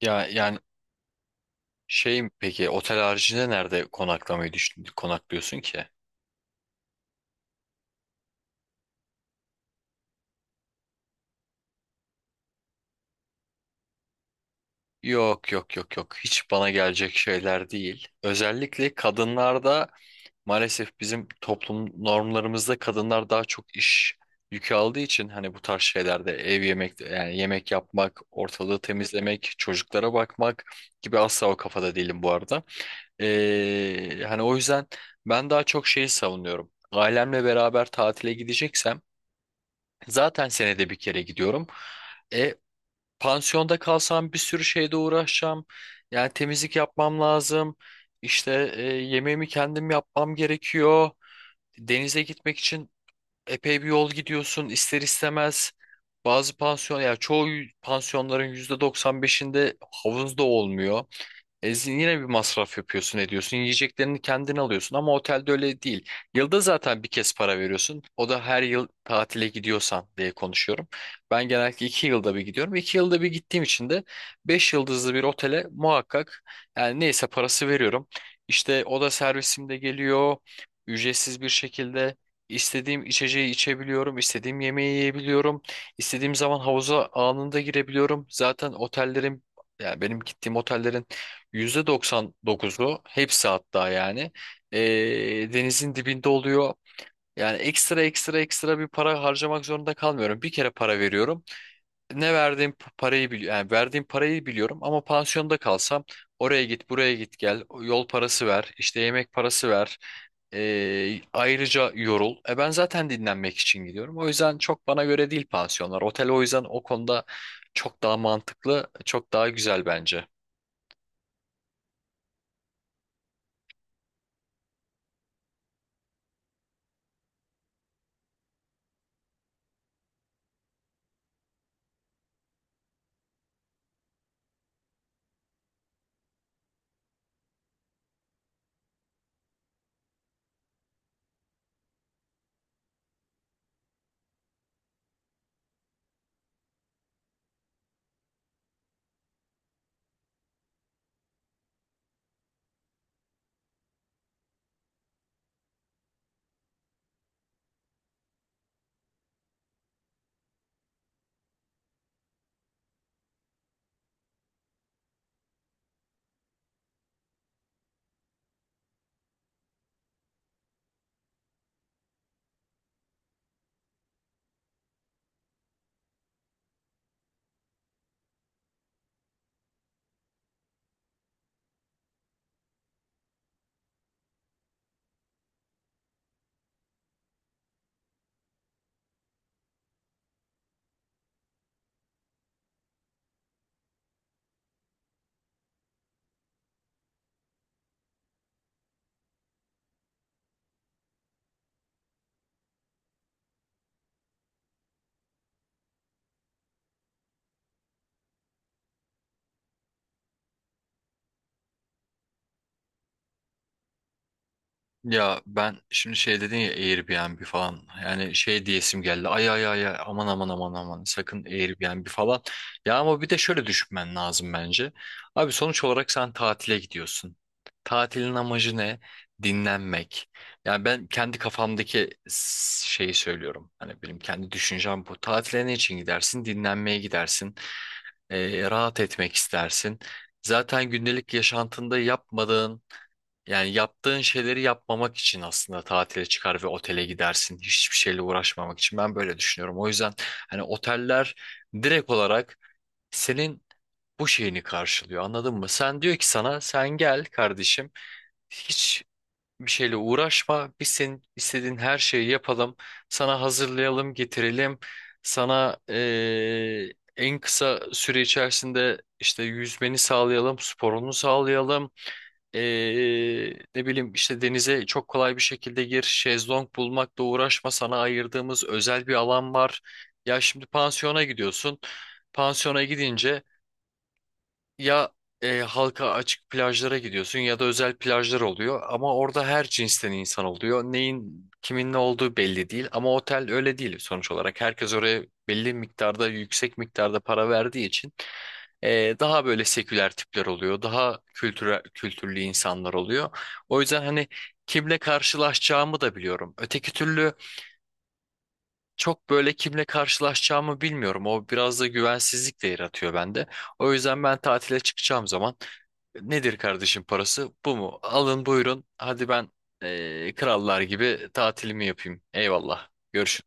Ya yani peki otel haricinde nerede konaklıyorsun ki? Yok yok yok yok, hiç bana gelecek şeyler değil. Özellikle kadınlarda maalesef bizim toplum normlarımızda kadınlar daha çok iş yükü aldığı için hani bu tarz şeylerde ev yemek yemek yapmak, ortalığı temizlemek, çocuklara bakmak gibi, asla o kafada değilim bu arada. Hani o yüzden ben daha çok savunuyorum. Ailemle beraber tatile gideceksem, zaten senede bir kere gidiyorum. E, Pansiyonda kalsam bir sürü şeyle uğraşacağım. Yani temizlik yapmam lazım. İşte yemeğimi kendim yapmam gerekiyor. Denize gitmek için epey bir yol gidiyorsun ister istemez. Bazı pansiyon, yani Çoğu pansiyonların %95'inde havuz da olmuyor. Ezin yine bir masraf yapıyorsun ediyorsun. Yiyeceklerini kendin alıyorsun ama otelde öyle değil. Yılda zaten bir kez para veriyorsun. O da her yıl tatile gidiyorsan diye konuşuyorum. Ben genellikle iki yılda bir gidiyorum. İki yılda bir gittiğim için de beş yıldızlı bir otele muhakkak, yani neyse, parası veriyorum. İşte oda servisim de geliyor. Ücretsiz bir şekilde istediğim içeceği içebiliyorum, istediğim yemeği yiyebiliyorum, istediğim zaman havuza anında girebiliyorum. Zaten otellerin yani Benim gittiğim otellerin %99'u, hepsi hatta, e, denizin dibinde oluyor. Yani ekstra ekstra ekstra bir para harcamak zorunda kalmıyorum. Bir kere para veriyorum. Parayı biliyorum. Yani verdiğim parayı biliyorum, ama pansiyonda kalsam oraya git buraya git gel, yol parası ver işte, yemek parası ver, ayrıca yorul. E ben zaten dinlenmek için gidiyorum. O yüzden çok bana göre değil pansiyonlar. Otel o yüzden o konuda çok daha mantıklı, çok daha güzel bence. Ya ben şimdi dedin ya Airbnb falan, yani diyesim geldi, ay ay ay ay, aman aman aman aman, sakın Airbnb falan. Ya ama bir de şöyle düşünmen lazım bence abi. Sonuç olarak sen tatile gidiyorsun, tatilin amacı ne? Dinlenmek. Yani ben kendi kafamdaki şeyi söylüyorum, hani benim kendi düşüncem bu. Tatile ne için gidersin? Dinlenmeye gidersin. Rahat etmek istersin. Zaten gündelik yaşantında yapmadığın yani yaptığın şeyleri yapmamak için aslında tatile çıkar ve otele gidersin. Hiçbir şeyle uğraşmamak için. Ben böyle düşünüyorum. O yüzden hani oteller direkt olarak senin bu şeyini karşılıyor. Anladın mı? Sen diyor ki sana, sen gel kardeşim, Hiç bir şeyle uğraşma. Biz senin istediğin her şeyi yapalım. Sana hazırlayalım, getirelim. Sana en kısa süre içerisinde işte yüzmeni sağlayalım, sporunu sağlayalım. Ne bileyim işte, denize çok kolay bir şekilde gir, şezlong bulmakla uğraşma, sana ayırdığımız özel bir alan var. Ya şimdi pansiyona gidiyorsun. Pansiyona gidince ya halka açık plajlara gidiyorsun ya da özel plajlar oluyor, ama orada her cinsten insan oluyor. Neyin kimin ne olduğu belli değil, ama otel öyle değil sonuç olarak. Herkes oraya belli miktarda, yüksek miktarda para verdiği için daha böyle seküler tipler oluyor, daha kültürel, kültürlü insanlar oluyor. O yüzden hani kimle karşılaşacağımı da biliyorum. Öteki türlü çok böyle kimle karşılaşacağımı bilmiyorum. O biraz da güvensizlik de yaratıyor bende. O yüzden ben tatile çıkacağım zaman, nedir kardeşim parası? Bu mu? Alın buyurun. Hadi ben krallar gibi tatilimi yapayım. Eyvallah. Görüşün.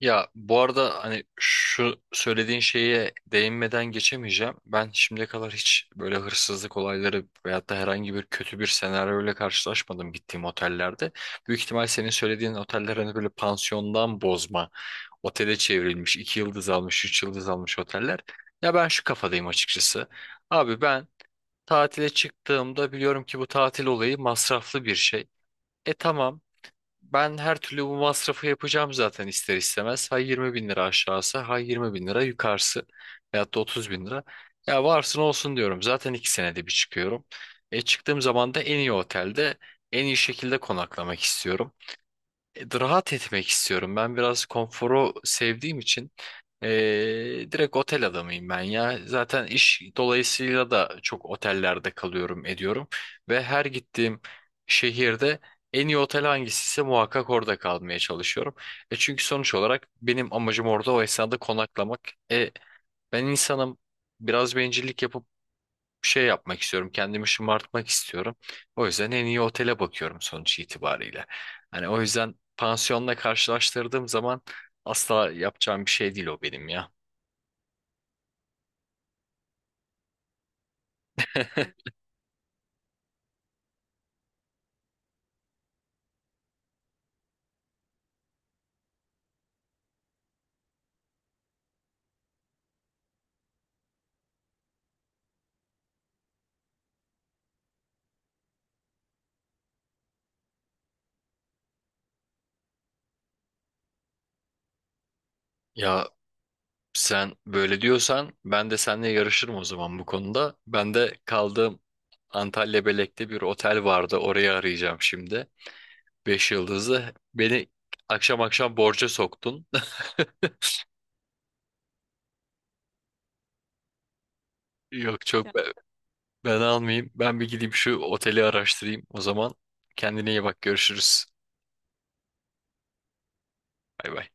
Ya bu arada hani şu söylediğin şeye değinmeden geçemeyeceğim. Ben şimdiye kadar hiç böyle hırsızlık olayları veyahut da herhangi bir kötü bir senaryoyla karşılaşmadım gittiğim otellerde. Büyük ihtimal senin söylediğin oteller hani böyle pansiyondan bozma, otele çevrilmiş, iki yıldız almış, üç yıldız almış oteller. Ya ben şu kafadayım açıkçası. Abi ben, tatile çıktığımda biliyorum ki bu tatil olayı masraflı bir şey. E tamam, ben her türlü bu masrafı yapacağım zaten ister istemez. Ha 20 bin lira aşağısı, ha 20 bin lira yukarısı, veyahut da 30 bin lira. Ya varsın olsun diyorum, zaten iki senede bir çıkıyorum. E çıktığım zaman da en iyi otelde en iyi şekilde konaklamak istiyorum, rahat etmek istiyorum. Ben biraz konforu sevdiğim için e, direkt otel adamıyım ben ya. Zaten iş dolayısıyla da çok otellerde kalıyorum ediyorum. Ve her gittiğim şehirde en iyi otel hangisiyse muhakkak orada kalmaya çalışıyorum. E çünkü sonuç olarak benim amacım orada o esnada konaklamak. E, Ben insanım, biraz bencillik yapıp bir şey yapmak istiyorum. Kendimi şımartmak istiyorum. O yüzden en iyi otele bakıyorum sonuç itibariyle. Hani o yüzden pansiyonla karşılaştırdığım zaman asla yapacağım bir şey değil o benim ya. Ya sen böyle diyorsan ben de seninle yarışırım o zaman bu konuda. Ben de kaldığım Antalya Belek'te bir otel vardı, orayı arayacağım şimdi. Beş yıldızlı. Beni akşam akşam borca soktun. Yok, çok. Ben almayayım. Ben bir gideyim şu oteli araştırayım o zaman. Kendine iyi bak. Görüşürüz. Bay bay.